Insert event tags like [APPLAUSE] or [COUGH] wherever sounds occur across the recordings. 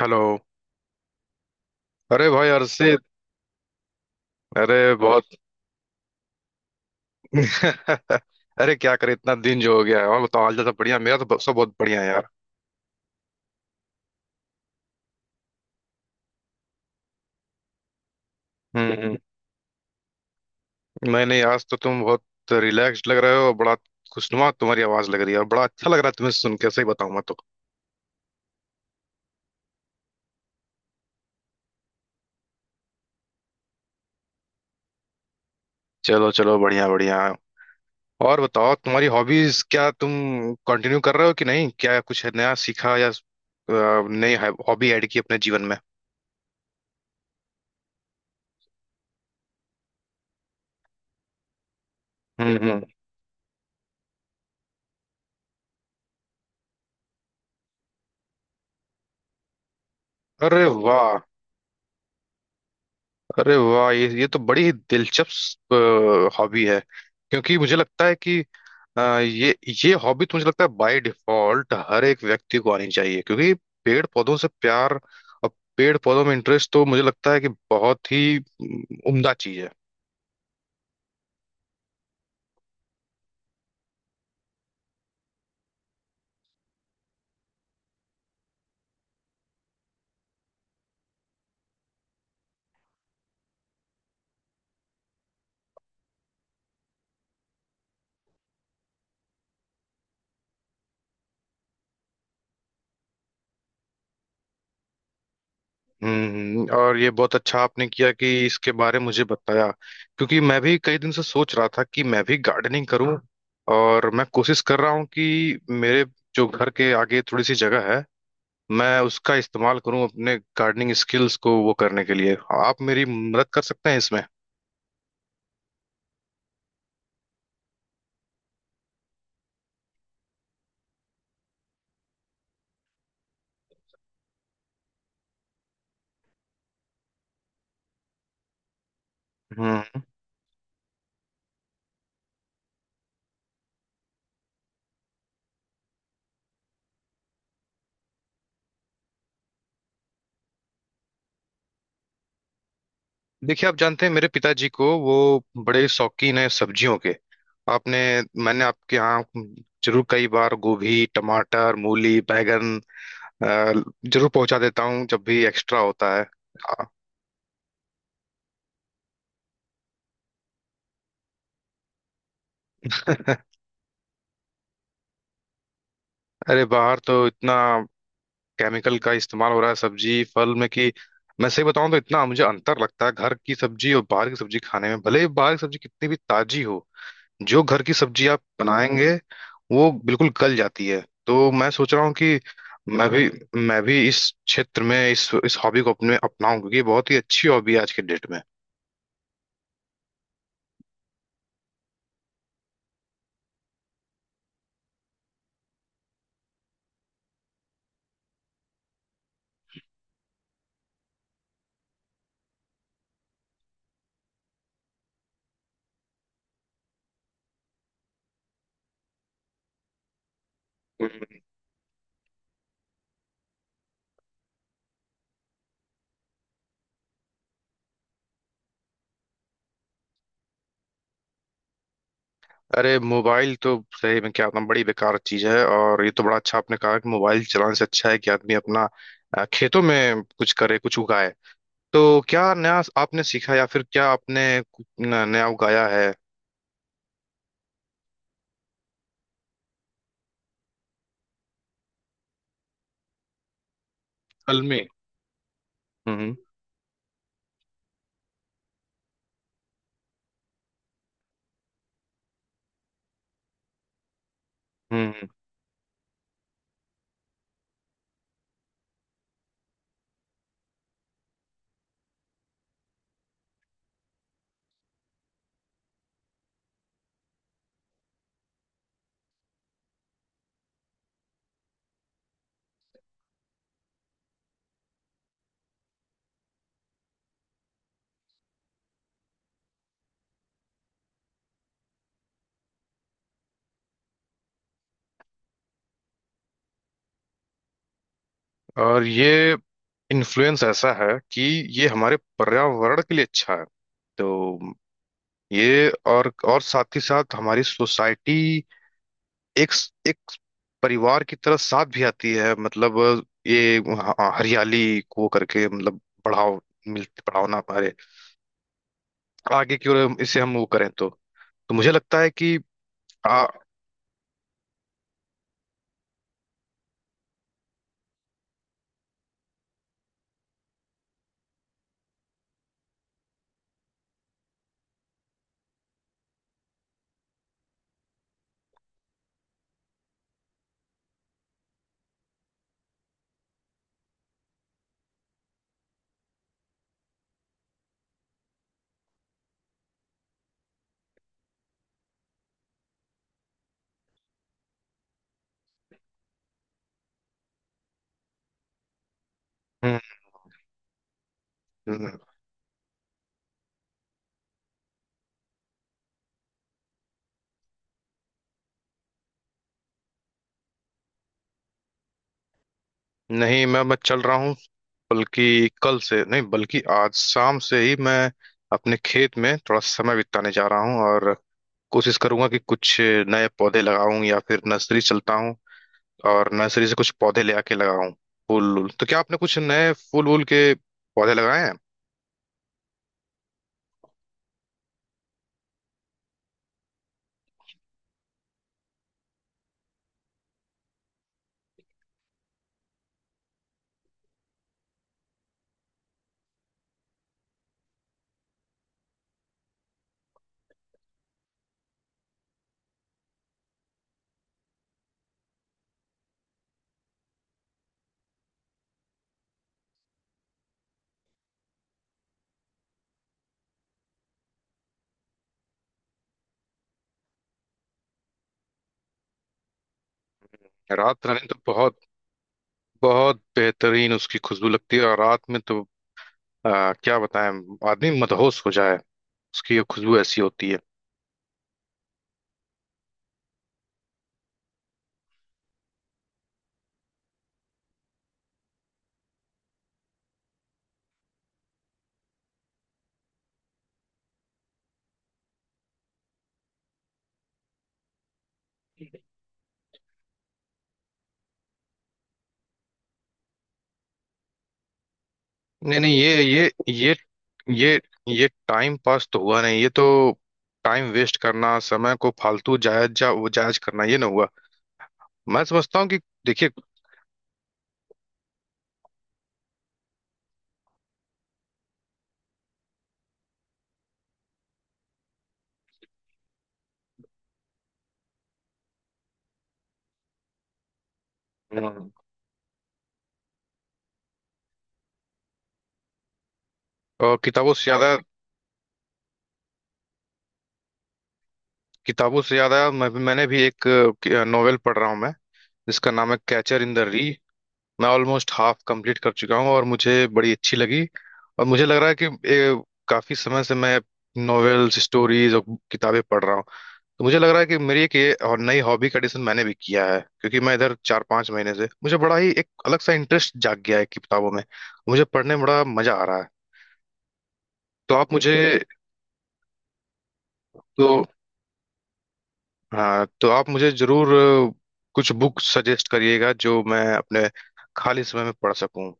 Hello. अरे भाई अर्षित। अरे बहुत। [LAUGHS] अरे क्या करे इतना दिन जो हो गया है। और बताओ हाल चाल सब बढ़िया। मेरा तो सब बहुत बढ़िया है यार। हम्म। मैंने आज तो तुम बहुत रिलैक्स्ड लग रहे हो और बड़ा खुशनुमा तुम्हारी आवाज लग रही है। और बड़ा अच्छा लग रहा है तुम्हें सुन के, सही बताऊं मैं तो। चलो चलो बढ़िया बढ़िया। और बताओ तुम्हारी हॉबीज क्या तुम कंटिन्यू कर रहे हो कि नहीं? क्या कुछ नया सीखा या नई हॉबी ऐड की अपने जीवन में? हम्म हम्म। अरे वाह! अरे वाह, ये तो बड़ी ही दिलचस्प हॉबी है। क्योंकि मुझे लगता है कि अ, ये ये हॉबी तो मुझे लगता है बाय डिफॉल्ट हर एक व्यक्ति को आनी चाहिए। क्योंकि पेड़ पौधों से प्यार और पेड़ पौधों में इंटरेस्ट तो मुझे लगता है कि बहुत ही उम्दा चीज है। और ये बहुत अच्छा आपने किया कि इसके बारे में मुझे बताया। क्योंकि मैं भी कई दिन से सोच रहा था कि मैं भी गार्डनिंग करूं, और मैं कोशिश कर रहा हूं कि मेरे जो घर के आगे थोड़ी सी जगह है, मैं उसका इस्तेमाल करूं अपने गार्डनिंग स्किल्स को वो करने के लिए। आप मेरी मदद कर सकते हैं इसमें? हम्म देखिए, आप जानते हैं मेरे पिताजी को, वो बड़े शौकीन हैं सब्जियों के। आपने मैंने आपके यहाँ जरूर कई बार गोभी, टमाटर, मूली, बैंगन अ, जरूर पहुंचा देता हूँ जब भी एक्स्ट्रा होता है। [LAUGHS] अरे बाहर तो इतना केमिकल का इस्तेमाल हो रहा है सब्जी फल में कि, मैं सही बताऊं तो इतना मुझे अंतर लगता है घर की सब्जी और बाहर की सब्जी खाने में। भले ही बाहर की सब्जी कितनी भी ताजी हो, जो घर की सब्जी आप बनाएंगे वो बिल्कुल गल जाती है। तो मैं सोच रहा हूँ कि मैं भी मैं भी इस क्षेत्र में इस हॉबी को अपने अपनाऊं, क्योंकि ये बहुत ही अच्छी हॉबी है आज के डेट में। हम्म। अरे मोबाइल तो, सही में क्या बताऊं, बड़ी बेकार चीज है। और ये तो बड़ा अच्छा आपने कहा कि मोबाइल चलाने से अच्छा है कि आदमी अपना खेतों में कुछ करे, कुछ उगाए। तो क्या नया आपने सीखा, या फिर क्या आपने कुछ नया उगाया है? असल में। हम्म हम्म। और ये इन्फ्लुएंस ऐसा है कि ये हमारे पर्यावरण के लिए अच्छा है। तो ये और साथ ही साथ हमारी सोसाइटी एक एक परिवार की तरह साथ भी आती है। मतलब ये हरियाली को करके, मतलब बढ़ाव बढ़ावा ना, हमारे आगे की ओर इसे हम वो करें तो मुझे लगता है कि। आ, हम्म, नहीं, मैं चल रहा हूँ, बल्कि कल से नहीं बल्कि आज शाम से ही मैं अपने खेत में थोड़ा समय बिताने जा रहा हूँ। और कोशिश करूंगा कि कुछ नए पौधे लगाऊं, या फिर नर्सरी चलता हूँ और नर्सरी से कुछ पौधे ले आके लगाऊं। फूल वूल तो, क्या आपने कुछ नए फूल वूल के पौधे लगाए हैं? रात रानी तो बहुत बहुत बेहतरीन, उसकी खुशबू लगती है। और रात में तो क्या बताएं, आदमी मदहोश हो जाए, उसकी ये खुशबू ऐसी होती है। नहीं नहीं, ये ये टाइम पास तो हुआ नहीं। ये तो टाइम वेस्ट करना, समय को फालतू जायज जा वो जायज करना, ये ना हुआ। मैं समझता हूँ कि देखिए। हम्म। और किताबों से ज्यादा मैंने भी एक नोवेल पढ़ रहा हूँ मैं, जिसका नाम है कैचर इन द री। मैं ऑलमोस्ट हाफ कंप्लीट कर चुका हूँ और मुझे बड़ी अच्छी लगी। और मुझे लग रहा है कि काफी समय से मैं नोवेल्स, स्टोरीज और किताबें पढ़ रहा हूँ। तो मुझे लग रहा है कि मेरी एक ये और नई हॉबी का एडिशन मैंने भी किया है, क्योंकि मैं इधर 4-5 महीने से मुझे बड़ा ही एक अलग सा इंटरेस्ट जाग गया है कि किताबों में मुझे पढ़ने में बड़ा मजा आ रहा है। तो आप मुझे तो हाँ, तो आप मुझे जरूर अ, कुछ बुक सजेस्ट करिएगा जो मैं अपने खाली समय में पढ़ सकूं।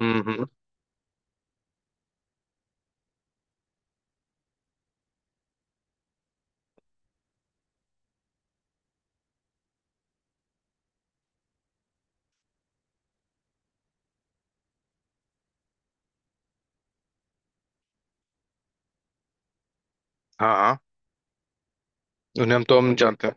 हम्म। हाँ हाँ, उन्हें हम जानते हैं।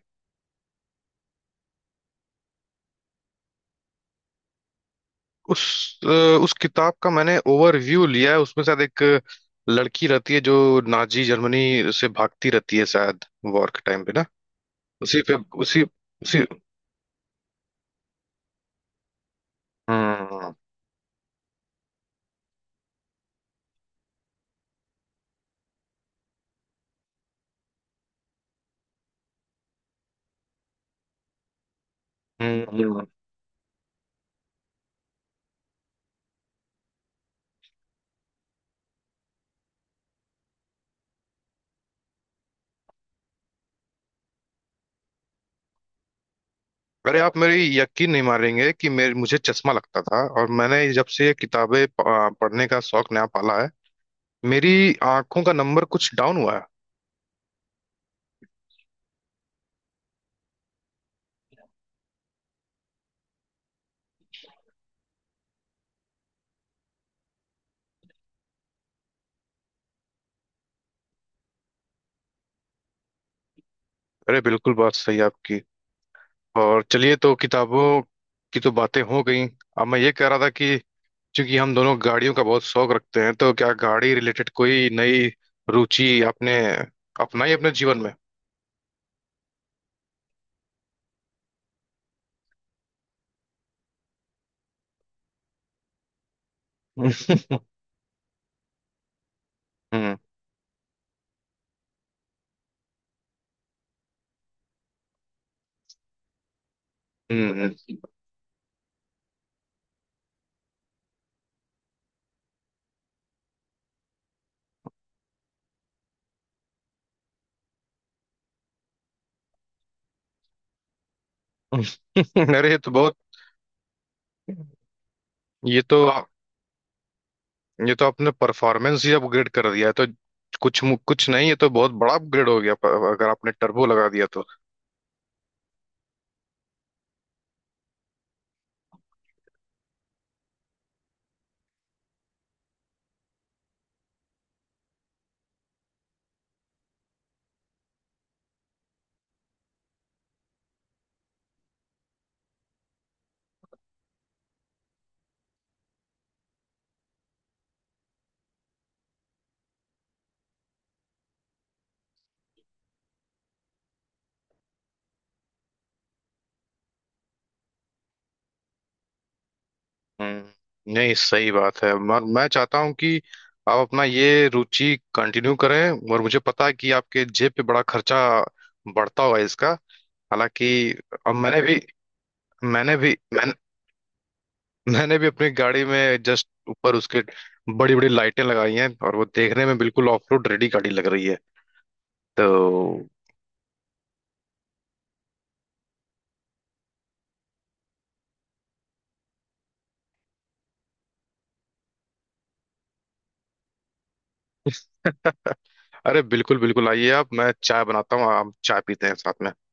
उस अ, उस किताब का मैंने ओवरव्यू लिया है। उसमें शायद एक लड़की रहती है जो नाजी जर्मनी से भागती रहती है शायद, वॉर के टाइम पे ना। उसी पे, उसी उसी। हम्म हम्म। अरे आप मेरी यकीन नहीं मारेंगे कि मेरे मुझे चश्मा लगता था, और मैंने जब से ये किताबें पढ़ने का शौक नया पाला है, मेरी आंखों का नंबर कुछ डाउन हुआ है। अरे बिल्कुल, बात सही है आपकी। और चलिए तो किताबों की तो बातें हो गई। अब मैं ये कह रहा था कि चूंकि हम दोनों गाड़ियों का बहुत शौक रखते हैं, तो क्या गाड़ी रिलेटेड कोई नई रुचि आपने अपनाई अपने जीवन में? [LAUGHS] हम्म हम्म। [LAUGHS] अरे ये तो बहुत! ये तो ये तो आपने परफॉर्मेंस ही अपग्रेड कर दिया है तो। कुछ नहीं, ये तो बहुत बड़ा अपग्रेड हो गया अगर आपने टर्बो लगा दिया तो। नहीं, सही बात है, मैं चाहता हूँ कि आप अपना ये रुचि कंटिन्यू करें, और मुझे पता है कि आपके जेब पे बड़ा खर्चा बढ़ता हुआ है इसका। हालांकि अब मैंने भी मैंने, मैंने भी अपनी गाड़ी में जस्ट ऊपर उसके बड़ी बड़ी लाइटें लगाई हैं, और वो देखने में बिल्कुल ऑफ रोड रेडी गाड़ी लग रही है तो। [LAUGHS] अरे बिल्कुल बिल्कुल, आइए आप, मैं चाय बनाता हूँ, आप चाय पीते हैं साथ में।